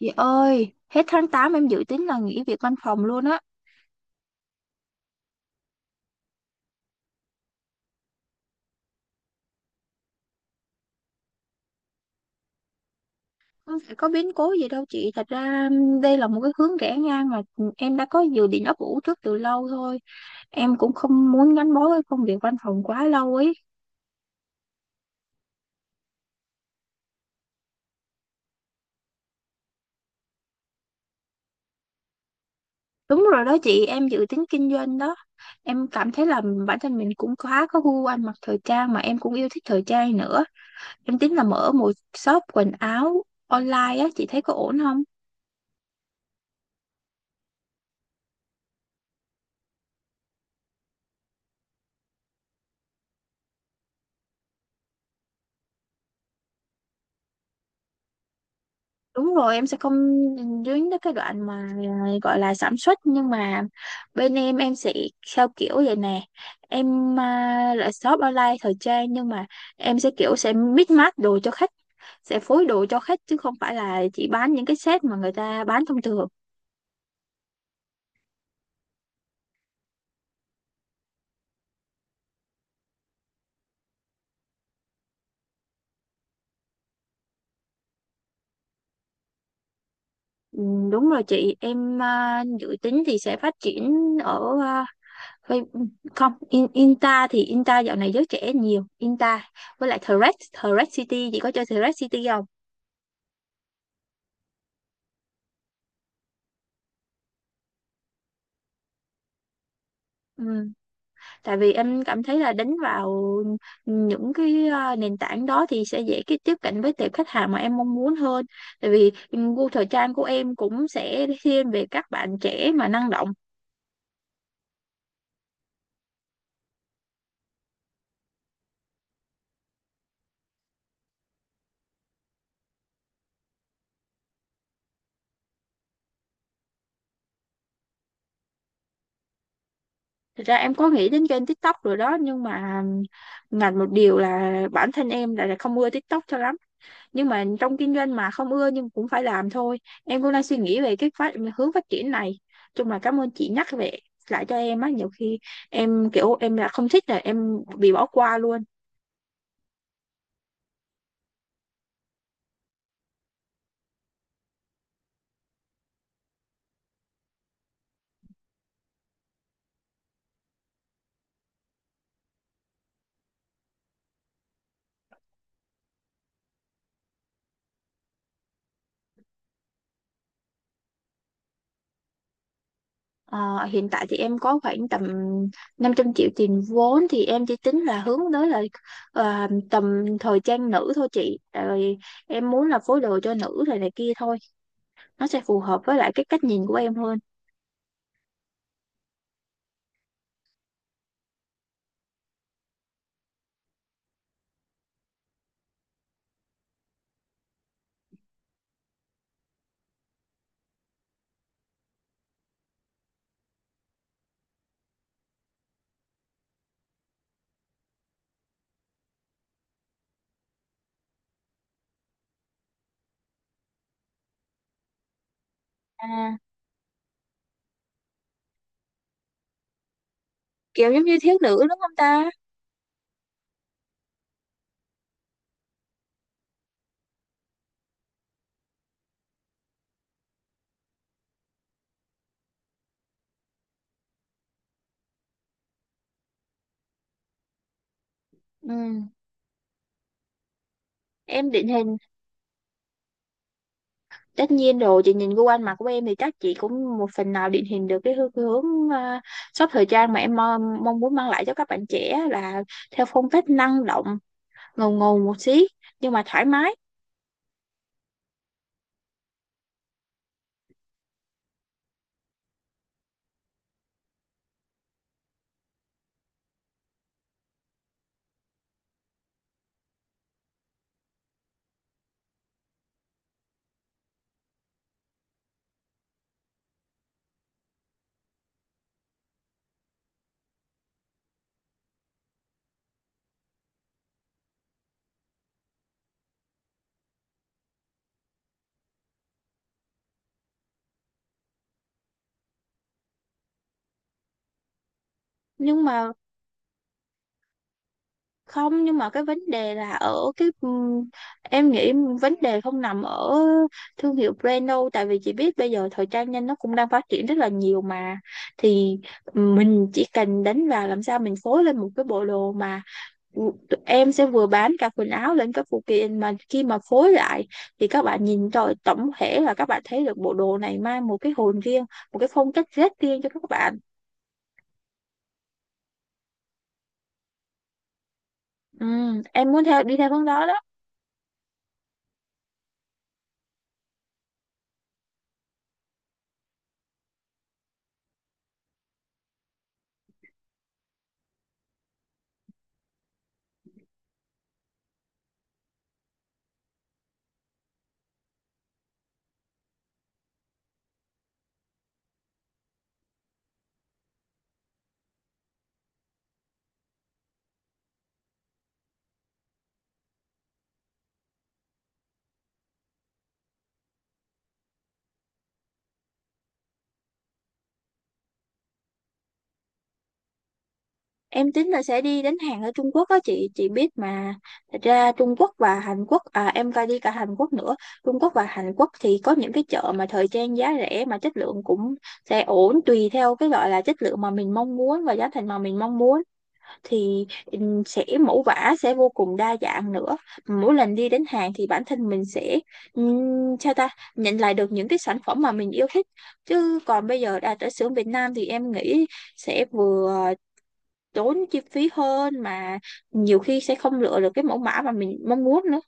Chị ơi, hết tháng 8 em dự tính là nghỉ việc văn phòng luôn á. Không phải có biến cố gì đâu chị. Thật ra đây là một cái hướng rẽ ngang mà em đã có dự định ấp ủ trước từ lâu thôi. Em cũng không muốn gắn bó với công việc văn phòng quá lâu ấy. Đúng rồi đó chị, em dự tính kinh doanh đó. Em cảm thấy là bản thân mình cũng khá có gu ăn mặc thời trang mà em cũng yêu thích thời trang nữa. Em tính là mở một shop quần áo online á, chị thấy có ổn không? Đúng rồi, em sẽ không dính tới cái đoạn mà gọi là sản xuất nhưng mà bên em sẽ theo kiểu vậy nè. Là shop online thời trang nhưng mà em sẽ kiểu sẽ mix match đồ cho khách, sẽ phối đồ cho khách chứ không phải là chỉ bán những cái set mà người ta bán thông thường. Ừ, đúng rồi chị, dự tính thì sẽ phát triển ở à, Face- không, in, Inta thì Inta dạo này giới trẻ nhiều, Inta với lại Threads, Threads City, chị có chơi Threads City không? Ừ, tại vì em cảm thấy là đánh vào những cái nền tảng đó thì sẽ dễ cái tiếp cận với tệp khách hàng mà em mong muốn hơn, tại vì gu thời trang của em cũng sẽ thiên về các bạn trẻ mà năng động. Thật ra em có nghĩ đến kênh TikTok rồi đó nhưng mà ngặt một điều là bản thân em lại là không ưa TikTok cho lắm, nhưng mà trong kinh doanh mà không ưa nhưng cũng phải làm thôi. Em cũng đang suy nghĩ về cái phát hướng phát triển này. Chung là cảm ơn chị nhắc về lại cho em á, nhiều khi em kiểu em là không thích là em bị bỏ qua luôn. Ờ, hiện tại thì em có khoảng tầm 500 triệu tiền vốn thì em chỉ tính là hướng tới là tầm thời trang nữ thôi chị. Tại vì em muốn là phối đồ cho nữ rồi này kia thôi, nó sẽ phù hợp với lại cái cách nhìn của em hơn. À, kiểu giống như thiếu nữ đúng không ta? Ừ. Ừ. Em định hình. Tất nhiên rồi, chị nhìn gu ăn mặc của em thì chắc chị cũng một phần nào định hình được cái hướng, shop thời trang mà em mong muốn mang lại cho các bạn trẻ là theo phong cách năng động, ngầu ngầu một xí nhưng mà thoải mái. Nhưng mà không nhưng mà cái vấn đề là ở cái em nghĩ vấn đề không nằm ở thương hiệu brand đâu, tại vì chị biết bây giờ thời trang nhanh nó cũng đang phát triển rất là nhiều mà. Thì mình chỉ cần đánh vào làm sao mình phối lên một cái bộ đồ mà ừ, tụi em sẽ vừa bán cả quần áo lẫn các phụ kiện, mà khi mà phối lại thì các bạn nhìn rồi tổng thể là các bạn thấy được bộ đồ này mang một cái hồn riêng, một cái phong cách rất riêng cho các bạn. Em muốn theo đi theo hướng đó đó. Em tính là sẽ đi đến Hàn ở Trung Quốc á chị biết mà, thật ra Trung Quốc và Hàn Quốc, em coi đi cả Hàn Quốc nữa. Trung Quốc và Hàn Quốc thì có những cái chợ mà thời trang giá rẻ mà chất lượng cũng sẽ ổn tùy theo cái gọi là chất lượng mà mình mong muốn và giá thành mà mình mong muốn, thì sẽ mẫu vã sẽ vô cùng đa dạng nữa. Mỗi lần đi đến Hàn thì bản thân mình sẽ sao ta nhận lại được những cái sản phẩm mà mình yêu thích, chứ còn bây giờ đã tới xưởng Việt Nam thì em nghĩ sẽ vừa tốn chi phí hơn mà nhiều khi sẽ không lựa được cái mẫu mã mà mình mong muốn nữa.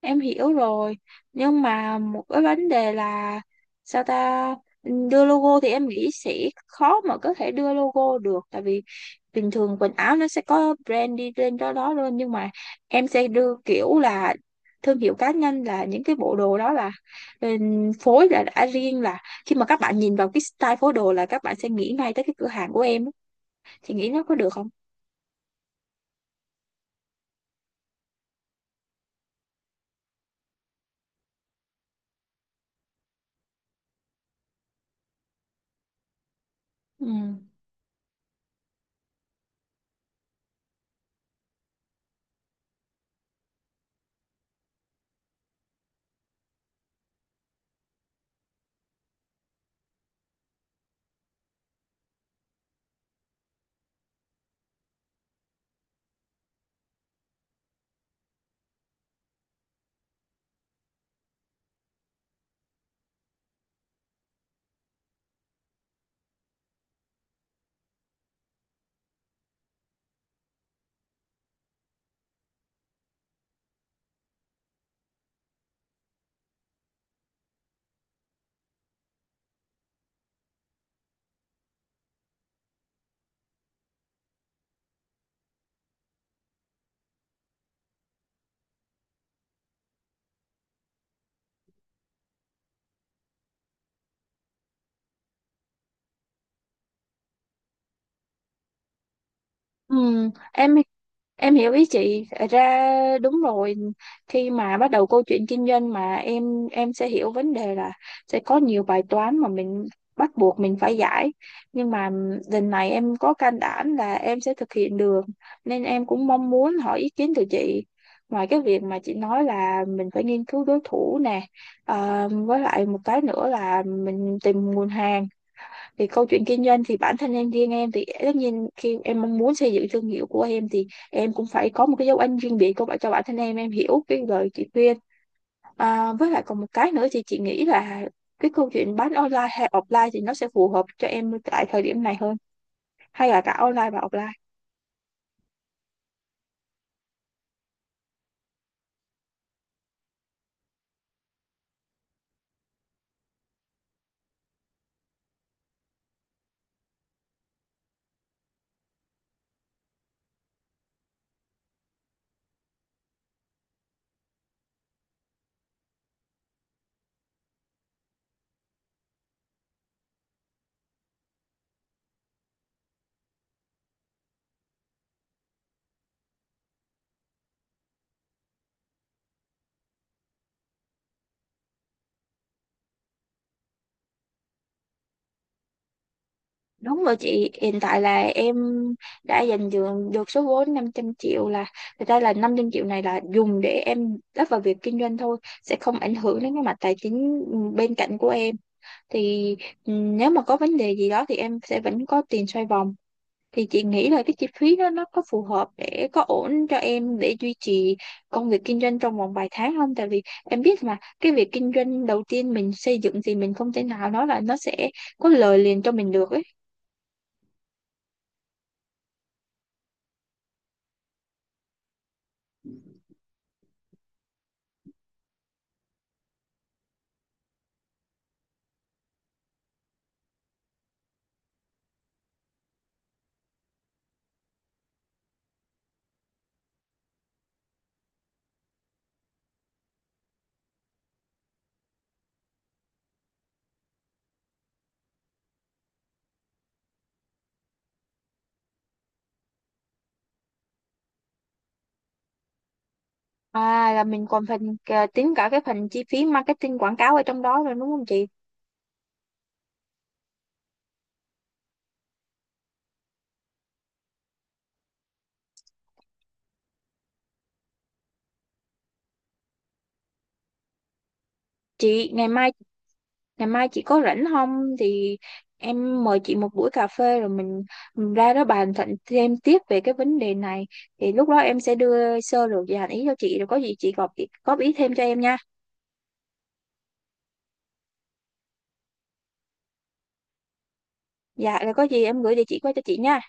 Em hiểu rồi, nhưng mà một cái vấn đề là sao ta đưa logo thì em nghĩ sẽ khó mà có thể đưa logo được, tại vì bình thường quần áo nó sẽ có brand đi lên đó đó luôn, nhưng mà em sẽ đưa kiểu là thương hiệu cá nhân, là những cái bộ đồ đó là phối là đã riêng, là khi mà các bạn nhìn vào cái style phối đồ là các bạn sẽ nghĩ ngay tới cái cửa hàng của em á. Thì nghĩ nó có được không? Ừ. Ừ, em em hiểu ý chị. Thật ra đúng rồi, khi mà bắt đầu câu chuyện kinh doanh mà em sẽ hiểu vấn đề là sẽ có nhiều bài toán mà mình bắt buộc phải giải, nhưng mà lần này em có can đảm là em sẽ thực hiện được, nên em cũng mong muốn hỏi ý kiến từ chị. Ngoài cái việc mà chị nói là mình phải nghiên cứu đối thủ nè, với lại một cái nữa là mình tìm nguồn hàng, thì câu chuyện kinh doanh thì bản thân em, riêng em thì tất nhiên khi em mong muốn xây dựng thương hiệu của em thì em cũng phải có một cái dấu ấn riêng biệt của bạn cho bản thân em hiểu cái lời chị khuyên. Với lại còn một cái nữa thì chị nghĩ là cái câu chuyện bán online hay offline thì nó sẽ phù hợp cho em tại thời điểm này hơn, hay là cả online và offline? Đúng rồi chị, hiện tại là em đã dành được số vốn 500 triệu, là thật ra là 500 triệu này là dùng để em đắp vào việc kinh doanh thôi, sẽ không ảnh hưởng đến cái mặt tài chính bên cạnh của em. Thì nếu mà có vấn đề gì đó thì em sẽ vẫn có tiền xoay vòng. Thì chị nghĩ là cái chi phí đó nó có phù hợp để có ổn cho em để duy trì công việc kinh doanh trong vòng vài tháng không, tại vì em biết mà cái việc kinh doanh đầu tiên mình xây dựng thì mình không thể nào nói là nó sẽ có lời liền cho mình được ấy. À là mình còn phần, tính cả cái phần chi phí marketing quảng cáo ở trong đó rồi đúng không chị? Chị ngày mai ngày mai chị có rảnh không thì em mời chị một buổi cà phê, rồi mình ra đó bàn thận thêm tiếp về cái vấn đề này, thì lúc đó em sẽ đưa sơ lược và ý cho chị, rồi có gì chị góp góp ý thêm cho em nha. Dạ rồi có gì em gửi địa chỉ qua cho chị nha.